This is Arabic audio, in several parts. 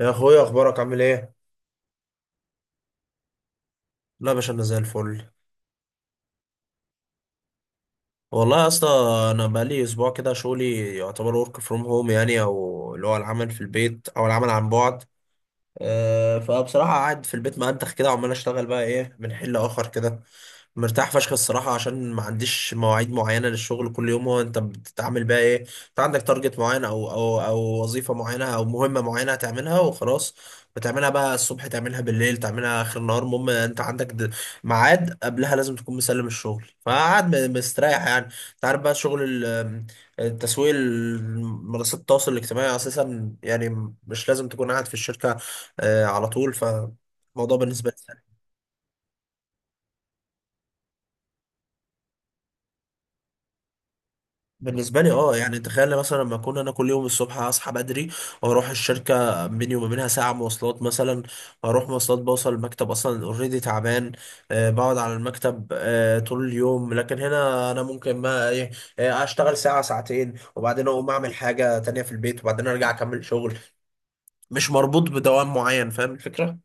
يا اخويا، اخبارك عامل ايه؟ لا يا باشا، انا زي الفل. والله يا اسطى، انا بقالي اسبوع كده شغلي يعتبر ورك فروم هوم، يعني او اللي هو العمل في البيت او العمل عن بعد. فبصراحه قاعد في البيت ما انتخ كده وعمال اشتغل بقى ايه من حل اخر كده. مرتاح فشخ الصراحة، عشان ما عنديش مواعيد معينة للشغل. كل يوم هو انت بتتعامل بقى ايه؟ انت عندك تارجت معين او وظيفة معينة او مهمة معينة هتعملها وخلاص. بتعملها بقى الصبح، تعملها بالليل، تعملها اخر النهار. المهم انت عندك ميعاد قبلها لازم تكون مسلم الشغل. فقعد مستريح يعني. انت عارف بقى شغل التسويق، منصات التواصل الاجتماعي اساسا، يعني مش لازم تكون قاعد في الشركة. على طول. فالموضوع بالنسبة لي، يعني تخيل مثلا لما اكون انا كل يوم الصبح اصحى بدري واروح الشركة، بيني وما بينها ساعة مواصلات مثلا. اروح مواصلات بوصل المكتب اصلا اوريدي تعبان. بقعد على المكتب طول اليوم، لكن هنا انا ممكن ما إيه، اشتغل ساعة ساعتين، وبعدين اقوم اعمل حاجة تانية في البيت وبعدين ارجع اكمل شغل. مش مربوط بدوام معين، فاهم الفكرة؟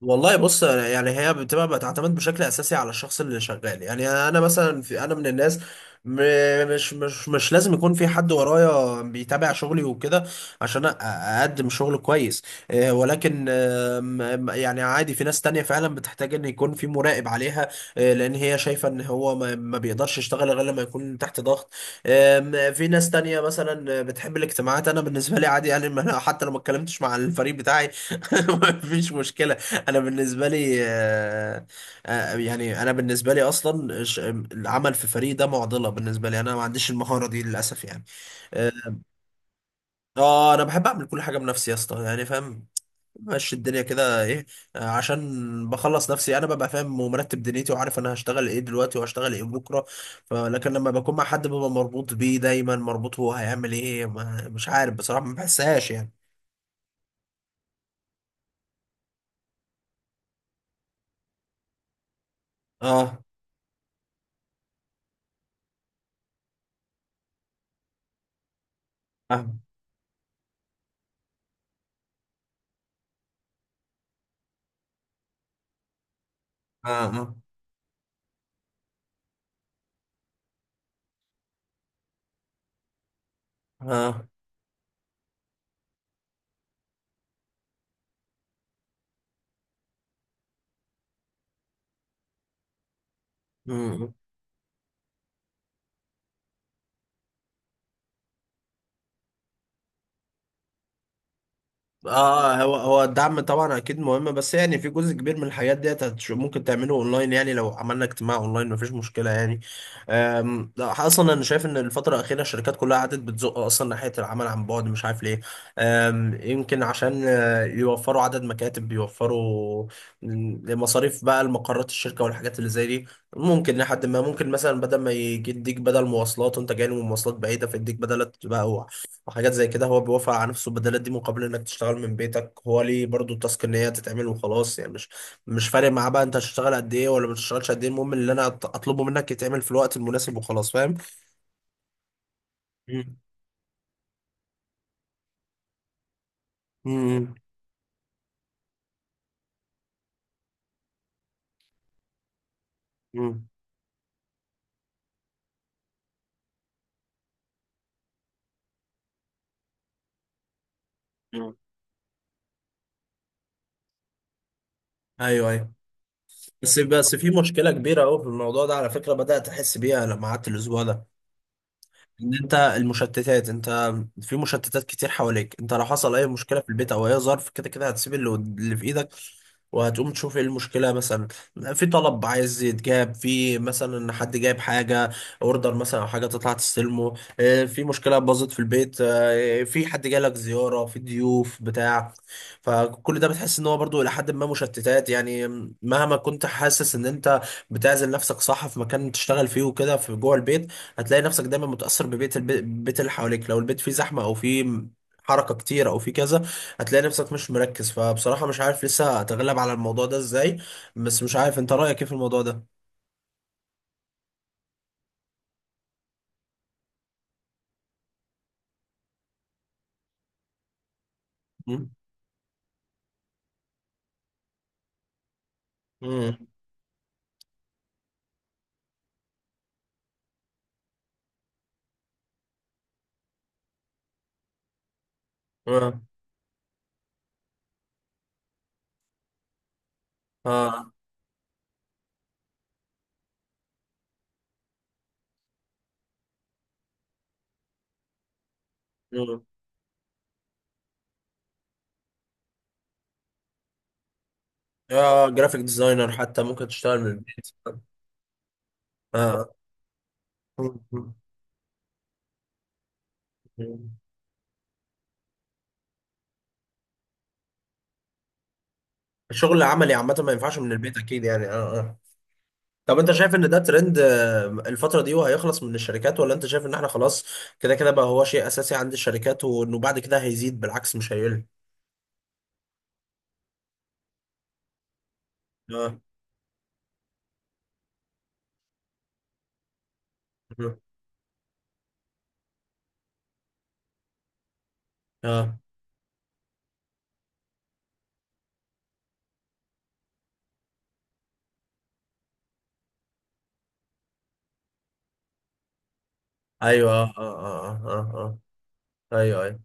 والله بص، يعني هي بتبقى بتعتمد بشكل اساسي على الشخص اللي شغال. يعني انا مثلا، في، انا من الناس مش لازم يكون في حد ورايا بيتابع شغلي وكده عشان اقدم شغل كويس. ولكن آم، آم، يعني عادي، في ناس تانية فعلا بتحتاج ان يكون في مراقب عليها، لان هي شايفة ان هو ما بيقدرش يشتغل غير لما يكون تحت ضغط. في ناس تانية مثلا بتحب الاجتماعات. انا بالنسبة لي عادي، يعني ما أنا حتى لو ما اتكلمتش مع الفريق بتاعي ما فيش مشكلة. انا بالنسبه لي يعني انا بالنسبه لي اصلا العمل في فريق ده معضله بالنسبه لي. انا ما عنديش المهاره دي للاسف يعني. اه انا بحب اعمل كل حاجه بنفسي يا اسطى، يعني فاهم؟ ماشي الدنيا كده ايه. عشان بخلص نفسي انا ببقى فاهم ومرتب دنيتي وعارف انا هشتغل ايه دلوقتي وهشتغل ايه بكره. فلكن لما بكون مع حد ببقى مربوط بيه، دايما مربوط هو هيعمل ايه. ما مش عارف بصراحه، ما بحسهاش يعني. اه، اه، اه، اه، آه. اه، هو الدعم طبعا اكيد مهم، بس يعني في جزء كبير من الحاجات ديت ممكن تعمله اونلاين. يعني لو عملنا اجتماع اونلاين مفيش مشكله يعني. لا، اصلا انا شايف ان الفتره الاخيره الشركات كلها قعدت بتزق اصلا ناحيه العمل عن بعد، مش عارف ليه. يمكن عشان يوفروا عدد مكاتب، يوفروا مصاريف بقى المقرات الشركه والحاجات اللي زي دي. ممكن لحد ما ممكن مثلا بدل ما يجي يديك بدل مواصلات وانت جاي من مواصلات بعيده فيديك بدلات بقى وحاجات زي كده، هو بيوافق على نفسه البدلات دي مقابل انك تشتغل من بيتك. هو ليه برضو؟ التاسك ان هي تتعمل وخلاص يعني. مش فارق معاه بقى انت هتشتغل قد ايه ولا ما تشتغلش قد ايه. المهم اللي انا اطلبه منك يتعمل في الوقت المناسب وخلاص، فاهم؟ مم. مم. مم. مم. ايوه، ايوه. بس في مشكله كبيره قوي في الموضوع ده على فكره، بدات احس بيها لما قعدت الاسبوع ده. ان انت المشتتات، انت في مشتتات كتير حواليك. انت لو حصل اي مشكله في البيت او اي ظرف كده كده هتسيب اللي اللي في ايدك، وهتقوم تشوف ايه المشكله. مثلا في طلب عايز يتجاب، في مثلا حد جايب حاجه، اوردر مثلا او حاجه تطلع تستلمه، اه، في مشكله باظت في البيت، في حد جالك زياره، في ضيوف بتاع. فكل ده بتحس ان هو برضو الى حد ما مشتتات يعني. مهما كنت حاسس ان انت بتعزل نفسك صح في مكان تشتغل فيه وكده في جوه البيت، هتلاقي نفسك دايما متأثر البيت اللي حواليك. لو البيت فيه زحمة او فيه حركة كتير او فيه كذا، هتلاقي نفسك مش مركز. فبصراحة مش عارف لسه اتغلب على الموضوع ده ازاي. بس مش عارف انت رأيك ايه في الموضوع ده. مم؟ مم. اه، اه، مم. اه، جرافيك ديزاينر حتى ممكن تشتغل من البيت. اه. مم. مم. الشغل العملي عامة ما ينفعش من البيت اكيد يعني، اه، آه. طب انت شايف ان ده ترند الفترة دي وهيخلص من الشركات، ولا انت شايف ان احنا خلاص كده كده بقى هو شيء اساسي عند الشركات، وانه بعد كده هيزيد بالعكس مش هيقل؟ اه، اه، آه. ايوه، اه، اه، اه، اه، اه. ايوه، ايوه.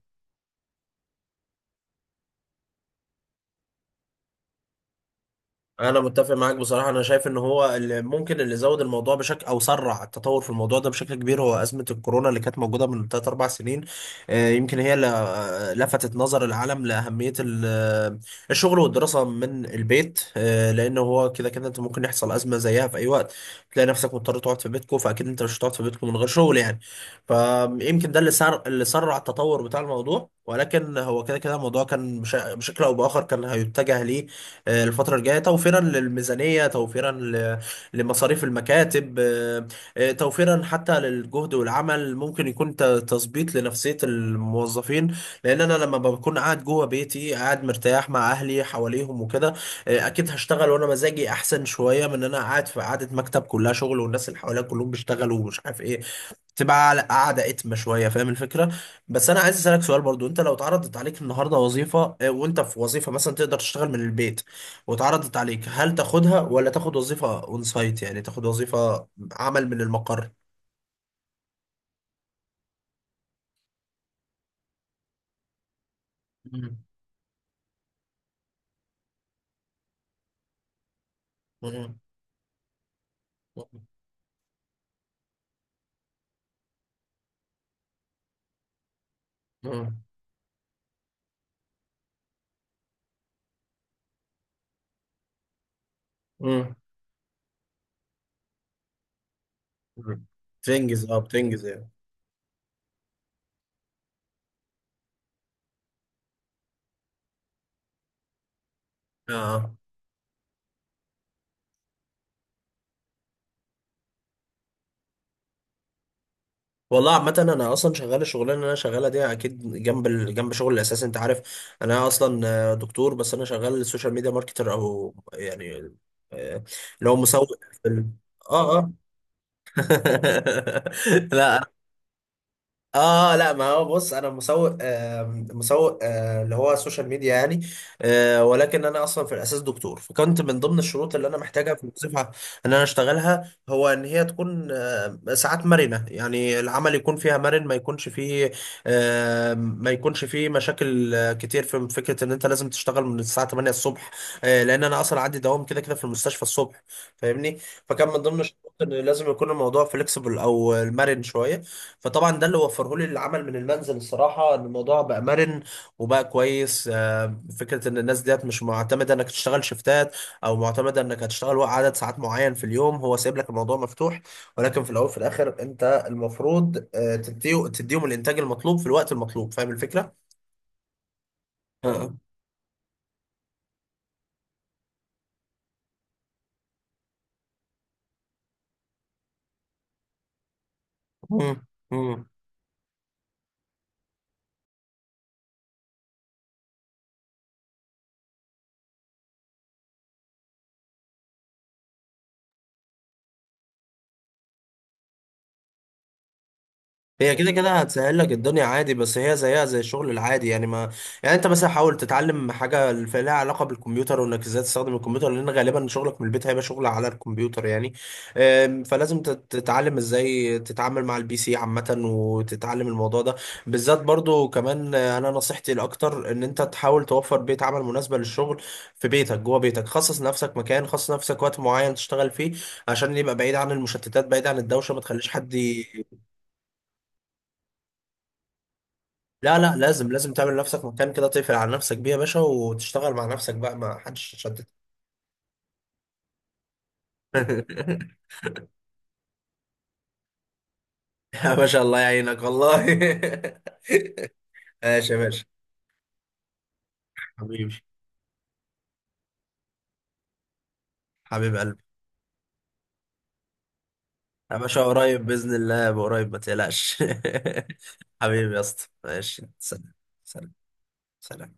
انا متفق معاك بصراحه. انا شايف ان هو اللي ممكن، اللي زود الموضوع بشكل، او سرع التطور في الموضوع ده بشكل كبير، هو ازمه الكورونا اللي كانت موجوده من 3 4 سنين. يمكن هي اللي لفتت نظر العالم لاهميه الشغل والدراسه من البيت. لان هو كده كده انت ممكن يحصل ازمه زيها في اي وقت، تلاقي نفسك مضطر تقعد في بيتكو. فاكيد انت مش هتقعد في بيتكو من غير شغل يعني. فيمكن ده اللي سر، اللي سرع التطور بتاع الموضوع. ولكن هو كده كده الموضوع كان بشكل او باخر كان هيتجه ليه، الفترة الجاية، توفيرا للميزانية، توفيرا لمصاريف المكاتب، توفيرا حتى للجهد والعمل. ممكن يكون تظبيط لنفسية الموظفين، لأن أنا لما بكون قاعد جوه بيتي قاعد مرتاح مع أهلي حواليهم وكده، أكيد هشتغل وأنا مزاجي أحسن شوية من إن أنا قاعد في قعدة مكتب كلها شغل والناس اللي حواليا كلهم بيشتغلوا ومش عارف إيه. تبقى على قاعدة اتم شوية، فاهم الفكرة؟ بس انا عايز اسألك سؤال برضو. انت لو اتعرضت عليك النهاردة وظيفة، وانت في وظيفة مثلا تقدر تشتغل من البيت واتعرضت عليك، هل تاخدها ولا تاخد وظيفة اون سايت، يعني تاخد وظيفة عمل من المقر؟ مم. مم. مم. مم. مم. بتنجز يعني. اه. والله عامة، أنا أصلا شغال الشغلانة اللي أنا شغالها دي أكيد جنب جنب شغل الأساسي، أنت عارف. أنا أصلا دكتور، بس أنا شغال سوشيال ميديا ماركتر، أو يعني آه، اللي هو مسوق. في آه آه لا. اه، لا، ما هو بص انا مسوق، مسوق اللي هو السوشيال ميديا يعني. ولكن انا اصلا في الاساس دكتور. فكنت من ضمن الشروط اللي انا محتاجها في الوظيفه ان انا اشتغلها هو ان هي تكون ساعات مرنه، يعني العمل يكون فيها مرن، ما يكونش فيه ما يكونش فيه مشاكل كتير في فكره ان انت لازم تشتغل من الساعه 8 الصبح، لان انا اصلا عندي دوام كده كده في المستشفى الصبح، فاهمني؟ فكان من ضمن الشروط ان لازم يكون الموضوع فليكسبل، او المرن شويه. فطبعا ده اللي وفره لي العمل من المنزل، الصراحه ان الموضوع بقى مرن وبقى كويس. فكره ان الناس ديت مش معتمده انك تشتغل شفتات، او معتمده انك هتشتغل وقت عدد ساعات معين في اليوم. هو سايب لك الموضوع مفتوح، ولكن في الاول وفي الاخر انت المفروض تديهم الانتاج المطلوب في الوقت المطلوب، فاهم الفكره؟ آه. مم. هي كده كده هتسهل لك الدنيا عادي، بس هي زيها زي الشغل العادي يعني. ما يعني انت مثلا حاول تتعلم حاجه لها علاقه بالكمبيوتر، وانك ازاي تستخدم الكمبيوتر، لان غالبا شغلك من البيت هيبقى شغل على الكمبيوتر يعني. فلازم تتعلم ازاي تتعامل مع البي سي عامه، وتتعلم الموضوع ده بالذات برضو كمان. انا نصيحتي الاكتر ان انت تحاول توفر بيئه عمل مناسبه للشغل في بيتك. جوه بيتك خصص نفسك مكان، خصص نفسك وقت معين تشتغل فيه عشان يبقى بعيد عن المشتتات، بعيد عن الدوشه. ما تخليش حد... لا، لا، لازم لازم تعمل لنفسك مكان كده تقفل على نفسك بيه يا باشا، وتشتغل مع نفسك بقى، ما حدش يشتت. يا باشا، الله يعينك والله. ماشي يا باشا. حبيبي. حبيب قلبي. يا باشا قريب بإذن الله، قريب، ما تقلقش. حبيبي يا اسطى، ماشي، سلام. سلام. سلام.